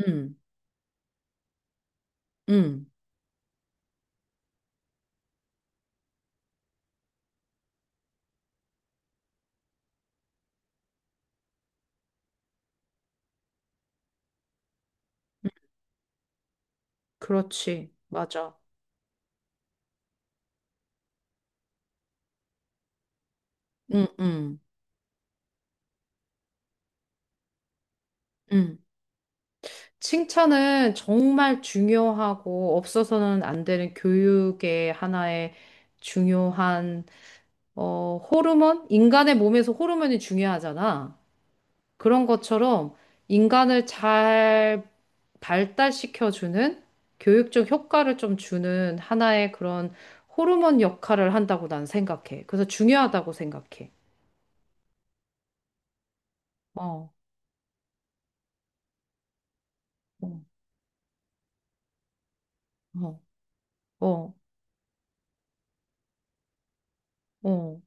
음, 음, 그렇지. 맞아. 음, 음, 음. 칭찬은 정말 중요하고 없어서는 안 되는 교육의 하나의 중요한, 호르몬? 인간의 몸에서 호르몬이 중요하잖아. 그런 것처럼 인간을 잘 발달시켜주는 교육적 효과를 좀 주는 하나의 그런 호르몬 역할을 한다고 난 생각해. 그래서 중요하다고 생각해. 어, 어, 어. 어. 어,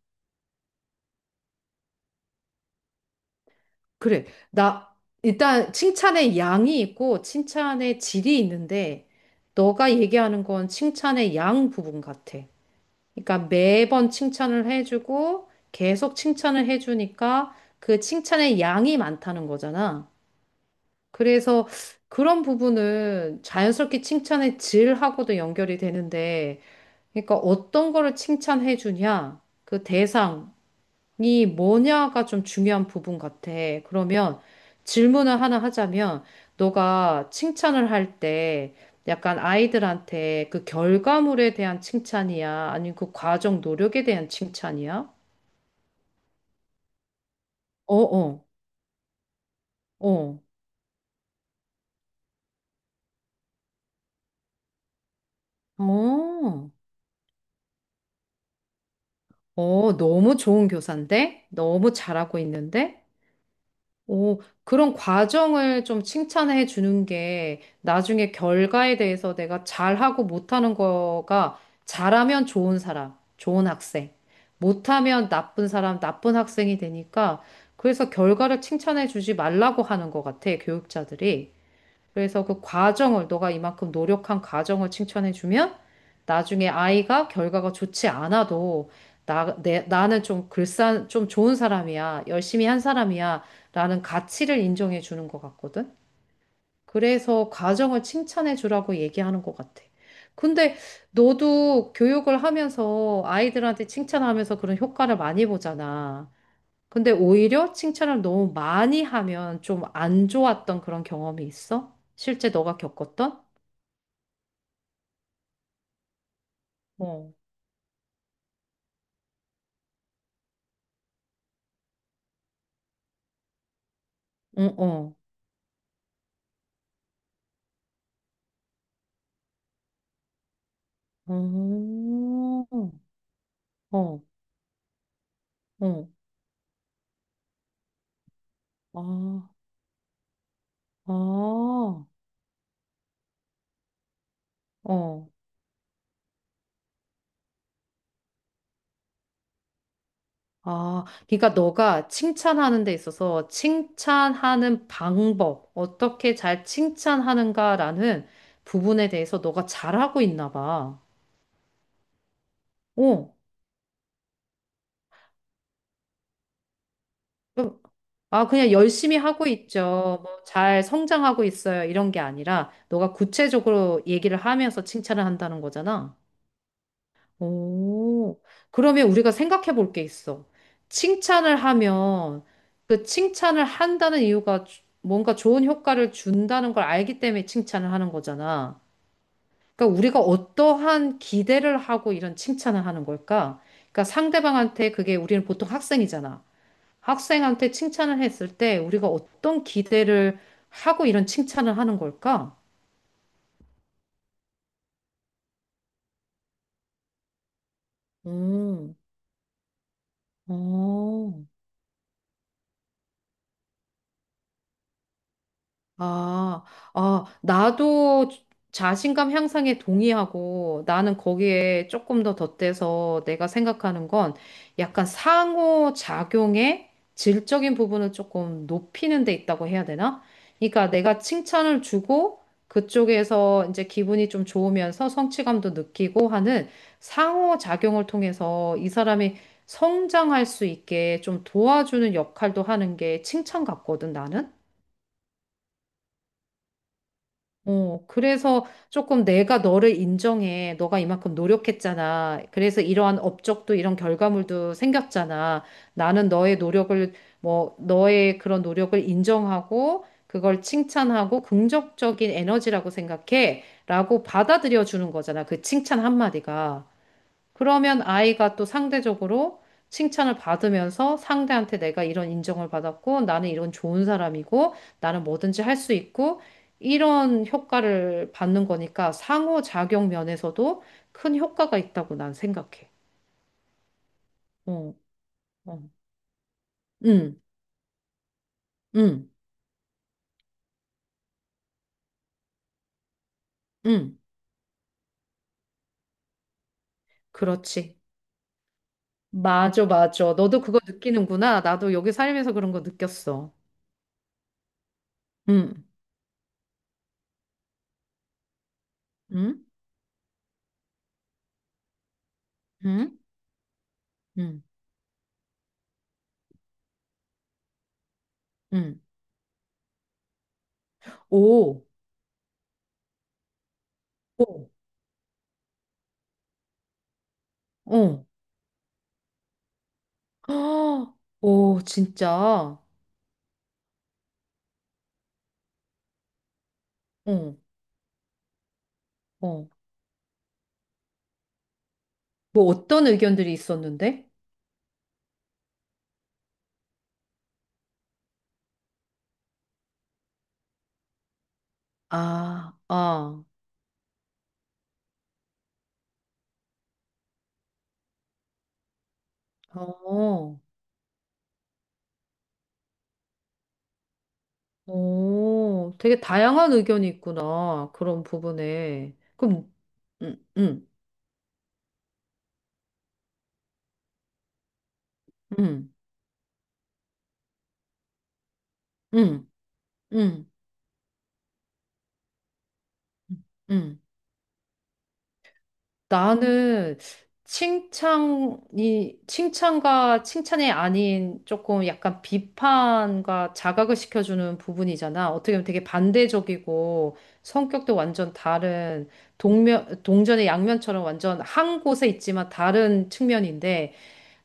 그래. 나, 일단 칭찬의 양이 있고 칭찬의 질이 있는데, 너가 얘기하는 건 칭찬의 양 부분 같아. 그러니까 매번 칭찬을 해주고, 계속 칭찬을 해주니까 그 칭찬의 양이 많다는 거잖아. 그래서 그런 부분은 자연스럽게 칭찬의 질하고도 연결이 되는데, 그러니까 어떤 거를 칭찬해주냐, 그 대상, 이 뭐냐가 좀 중요한 부분 같아. 그러면 질문을 하나 하자면, 너가 칭찬을 할 때 약간 아이들한테 그 결과물에 대한 칭찬이야? 아니면 그 과정 노력에 대한 칭찬이야? 어, 어, 어, 어, 어, 너무 좋은 교사인데? 너무 잘하고 있는데? 오, 그런 과정을 좀 칭찬해 주는 게 나중에 결과에 대해서 내가 잘하고 못하는 거가 잘하면 좋은 사람, 좋은 학생, 못하면 나쁜 사람, 나쁜 학생이 되니까 그래서 결과를 칭찬해 주지 말라고 하는 것 같아, 교육자들이. 그래서 그 과정을, 너가 이만큼 노력한 과정을 칭찬해주면 나중에 아이가 결과가 좋지 않아도 나는 좀 좀 좋은 사람이야. 열심히 한 사람이야. 라는 가치를 인정해 주는 것 같거든. 그래서 과정을 칭찬해 주라고 얘기하는 것 같아. 근데 너도 교육을 하면서 아이들한테 칭찬하면서 그런 효과를 많이 보잖아. 근데 오히려 칭찬을 너무 많이 하면 좀 안 좋았던 그런 경험이 있어? 실제 너가 겪었던? 어, 응, 어, 어, 어, 어, 아, 아, 어, 아. 그러니까 너가 칭찬하는 데 있어서 칭찬하는 방법, 어떻게 잘 칭찬하는가라는 부분에 대해서 너가 잘하고 있나 봐. 어, 아, 그냥 열심히 하고 있죠. 뭐, 잘 성장하고 있어요. 이런 게 아니라, 너가 구체적으로 얘기를 하면서 칭찬을 한다는 거잖아. 오, 그러면 우리가 생각해 볼 게 있어. 칭찬을 하면, 그 칭찬을 한다는 이유가 뭔가 좋은 효과를 준다는 걸 알기 때문에 칭찬을 하는 거잖아. 그러니까 우리가 어떠한 기대를 하고 이런 칭찬을 하는 걸까? 그러니까 상대방한테 그게 우리는 보통 학생이잖아. 학생한테 칭찬을 했을 때 우리가 어떤 기대를 하고 이런 칭찬을 하는 걸까? 음, 어. 아, 아, 나도 자신감 향상에 동의하고 나는 거기에 조금 더 덧대서 내가 생각하는 건 약간 상호작용의 질적인 부분을 조금 높이는 데 있다고 해야 되나? 그러니까 내가 칭찬을 주고 그쪽에서 이제 기분이 좀 좋으면서 성취감도 느끼고 하는 상호작용을 통해서 이 사람이 성장할 수 있게 좀 도와주는 역할도 하는 게 칭찬 같거든, 나는. 어, 그래서 조금 내가 너를 인정해. 너가 이만큼 노력했잖아. 그래서 이러한 업적도 이런 결과물도 생겼잖아. 나는 너의 노력을, 뭐, 너의 그런 노력을 인정하고, 그걸 칭찬하고, 긍정적인 에너지라고 생각해. 라고 받아들여 주는 거잖아. 그 칭찬 한마디가. 그러면 아이가 또 상대적으로 칭찬을 받으면서 상대한테 내가 이런 인정을 받았고 나는 이런 좋은 사람이고 나는 뭐든지 할 수 있고 이런 효과를 받는 거니까 상호작용 면에서도 큰 효과가 있다고 난 생각해. 어, 어. 응, 응, 응. 그렇지. 맞아, 맞아. 너도 그거 느끼는구나. 나도 여기 살면서 그런 거 느꼈어. 응, 응, 응, 응, 응. 오, 오, 어. 아, 오, 진짜. 어, 어. 뭐 어떤 의견들이 있었는데? 아, 아, 어, 오, 되게 다양한 의견이 있구나. 그런 부분에. 그럼, 음, 음, 음, 음, 음, 음. 나는 칭찬과 칭찬이 아닌 조금 약간 비판과 자각을 시켜주는 부분이잖아. 어떻게 보면 되게 반대적이고 성격도 완전 다른 동전의 양면처럼 완전 한 곳에 있지만 다른 측면인데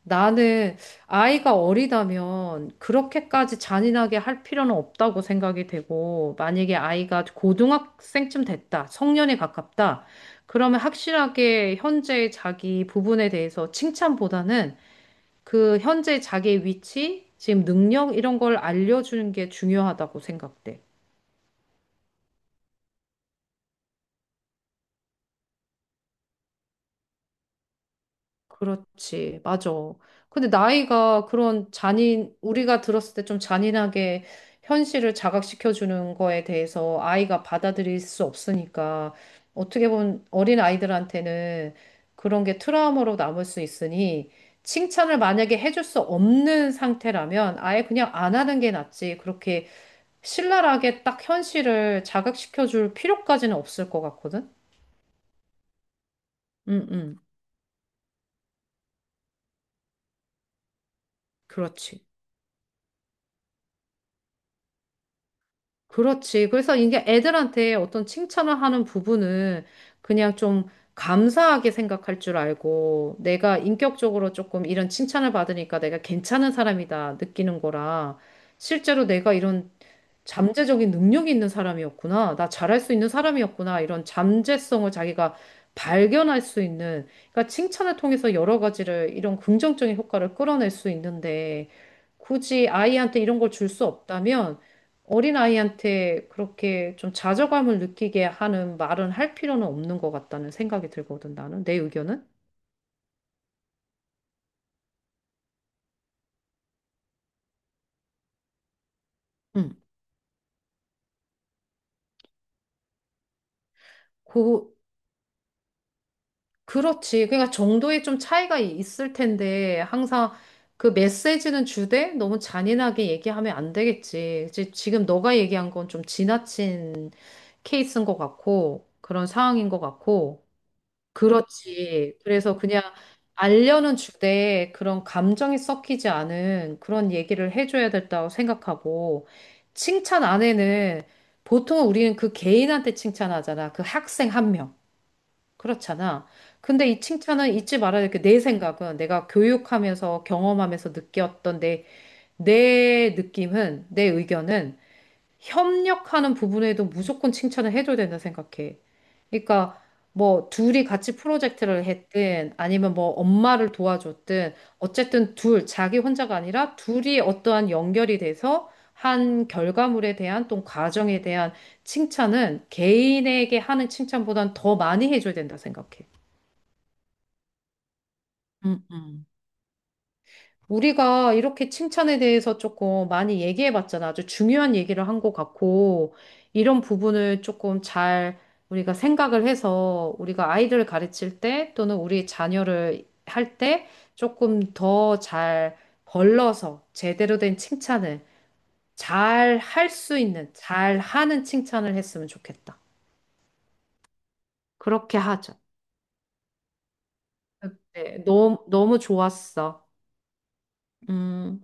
나는 아이가 어리다면 그렇게까지 잔인하게 할 필요는 없다고 생각이 되고, 만약에 아이가 고등학생쯤 됐다, 성년에 가깝다, 그러면 확실하게 현재의 자기 부분에 대해서 칭찬보다는 그 현재 자기의 위치, 지금 능력 이런 걸 알려주는 게 중요하다고 생각돼. 그렇지, 맞아. 근데 우리가 들었을 때 좀 잔인하게 현실을 자각시켜주는 거에 대해서 아이가 받아들일 수 없으니까 어떻게 보면 어린 아이들한테는 그런 게 트라우마로 남을 수 있으니 칭찬을 만약에 해줄 수 없는 상태라면 아예 그냥 안 하는 게 낫지. 그렇게 신랄하게 딱 현실을 자각시켜줄 필요까지는 없을 것 같거든? 응, 응, 그렇지. 그렇지. 그래서 이게 애들한테 어떤 칭찬을 하는 부분은 그냥 좀 감사하게 생각할 줄 알고 내가 인격적으로 조금 이런 칭찬을 받으니까 내가 괜찮은 사람이다 느끼는 거라 실제로 내가 이런 잠재적인 능력이 있는 사람이었구나. 나 잘할 수 있는 사람이었구나. 이런 잠재성을 자기가 발견할 수 있는, 그러니까 칭찬을 통해서 여러 가지를 이런 긍정적인 효과를 끌어낼 수 있는데, 굳이 아이한테 이런 걸 줄 수 없다면, 어린아이한테 그렇게 좀 좌절감을 느끼게 하는 말은 할 필요는 없는 것 같다는 생각이 들거든, 나는. 내 의견은? 응. 그, 그렇지. 그러니까 정도의 좀 차이가 있을 텐데 항상 그 메시지는 주되 너무 잔인하게 얘기하면 안 되겠지. 이제 지금 너가 얘기한 건 좀 지나친 케이스인 것 같고 그런 상황인 것 같고 그렇지. 그래서 그냥 알려는 주되 그런 감정이 섞이지 않은 그런 얘기를 해줘야 된다고 생각하고 칭찬 안에는 보통 우리는 그 개인한테 칭찬하잖아. 그 학생 한 명. 그렇잖아. 근데 이 칭찬은 잊지 말아야 될 게 내 생각은 내가 교육하면서 경험하면서 느꼈던 내, 느낌은, 내 의견은 협력하는 부분에도 무조건 칭찬을 해줘야 된다 생각해. 그러니까 뭐 둘이 같이 프로젝트를 했든 아니면 뭐 엄마를 도와줬든 어쨌든 자기 혼자가 아니라 둘이 어떠한 연결이 돼서 한 결과물에 대한 또 과정에 대한 칭찬은 개인에게 하는 칭찬보단 더 많이 해줘야 된다 생각해. 음, 음. 우리가 이렇게 칭찬에 대해서 조금 많이 얘기해 봤잖아. 아주 중요한 얘기를 한 것 같고, 이런 부분을 조금 잘 우리가 생각을 해서 우리가 아이들을 가르칠 때 또는 우리 자녀를 할 때 조금 더 잘 걸러서 제대로 된 칭찬을 잘 할 수 있는, 잘 하는 칭찬을 했으면 좋겠다. 그렇게 하자. 네, 너무, 너무 좋았어. 음.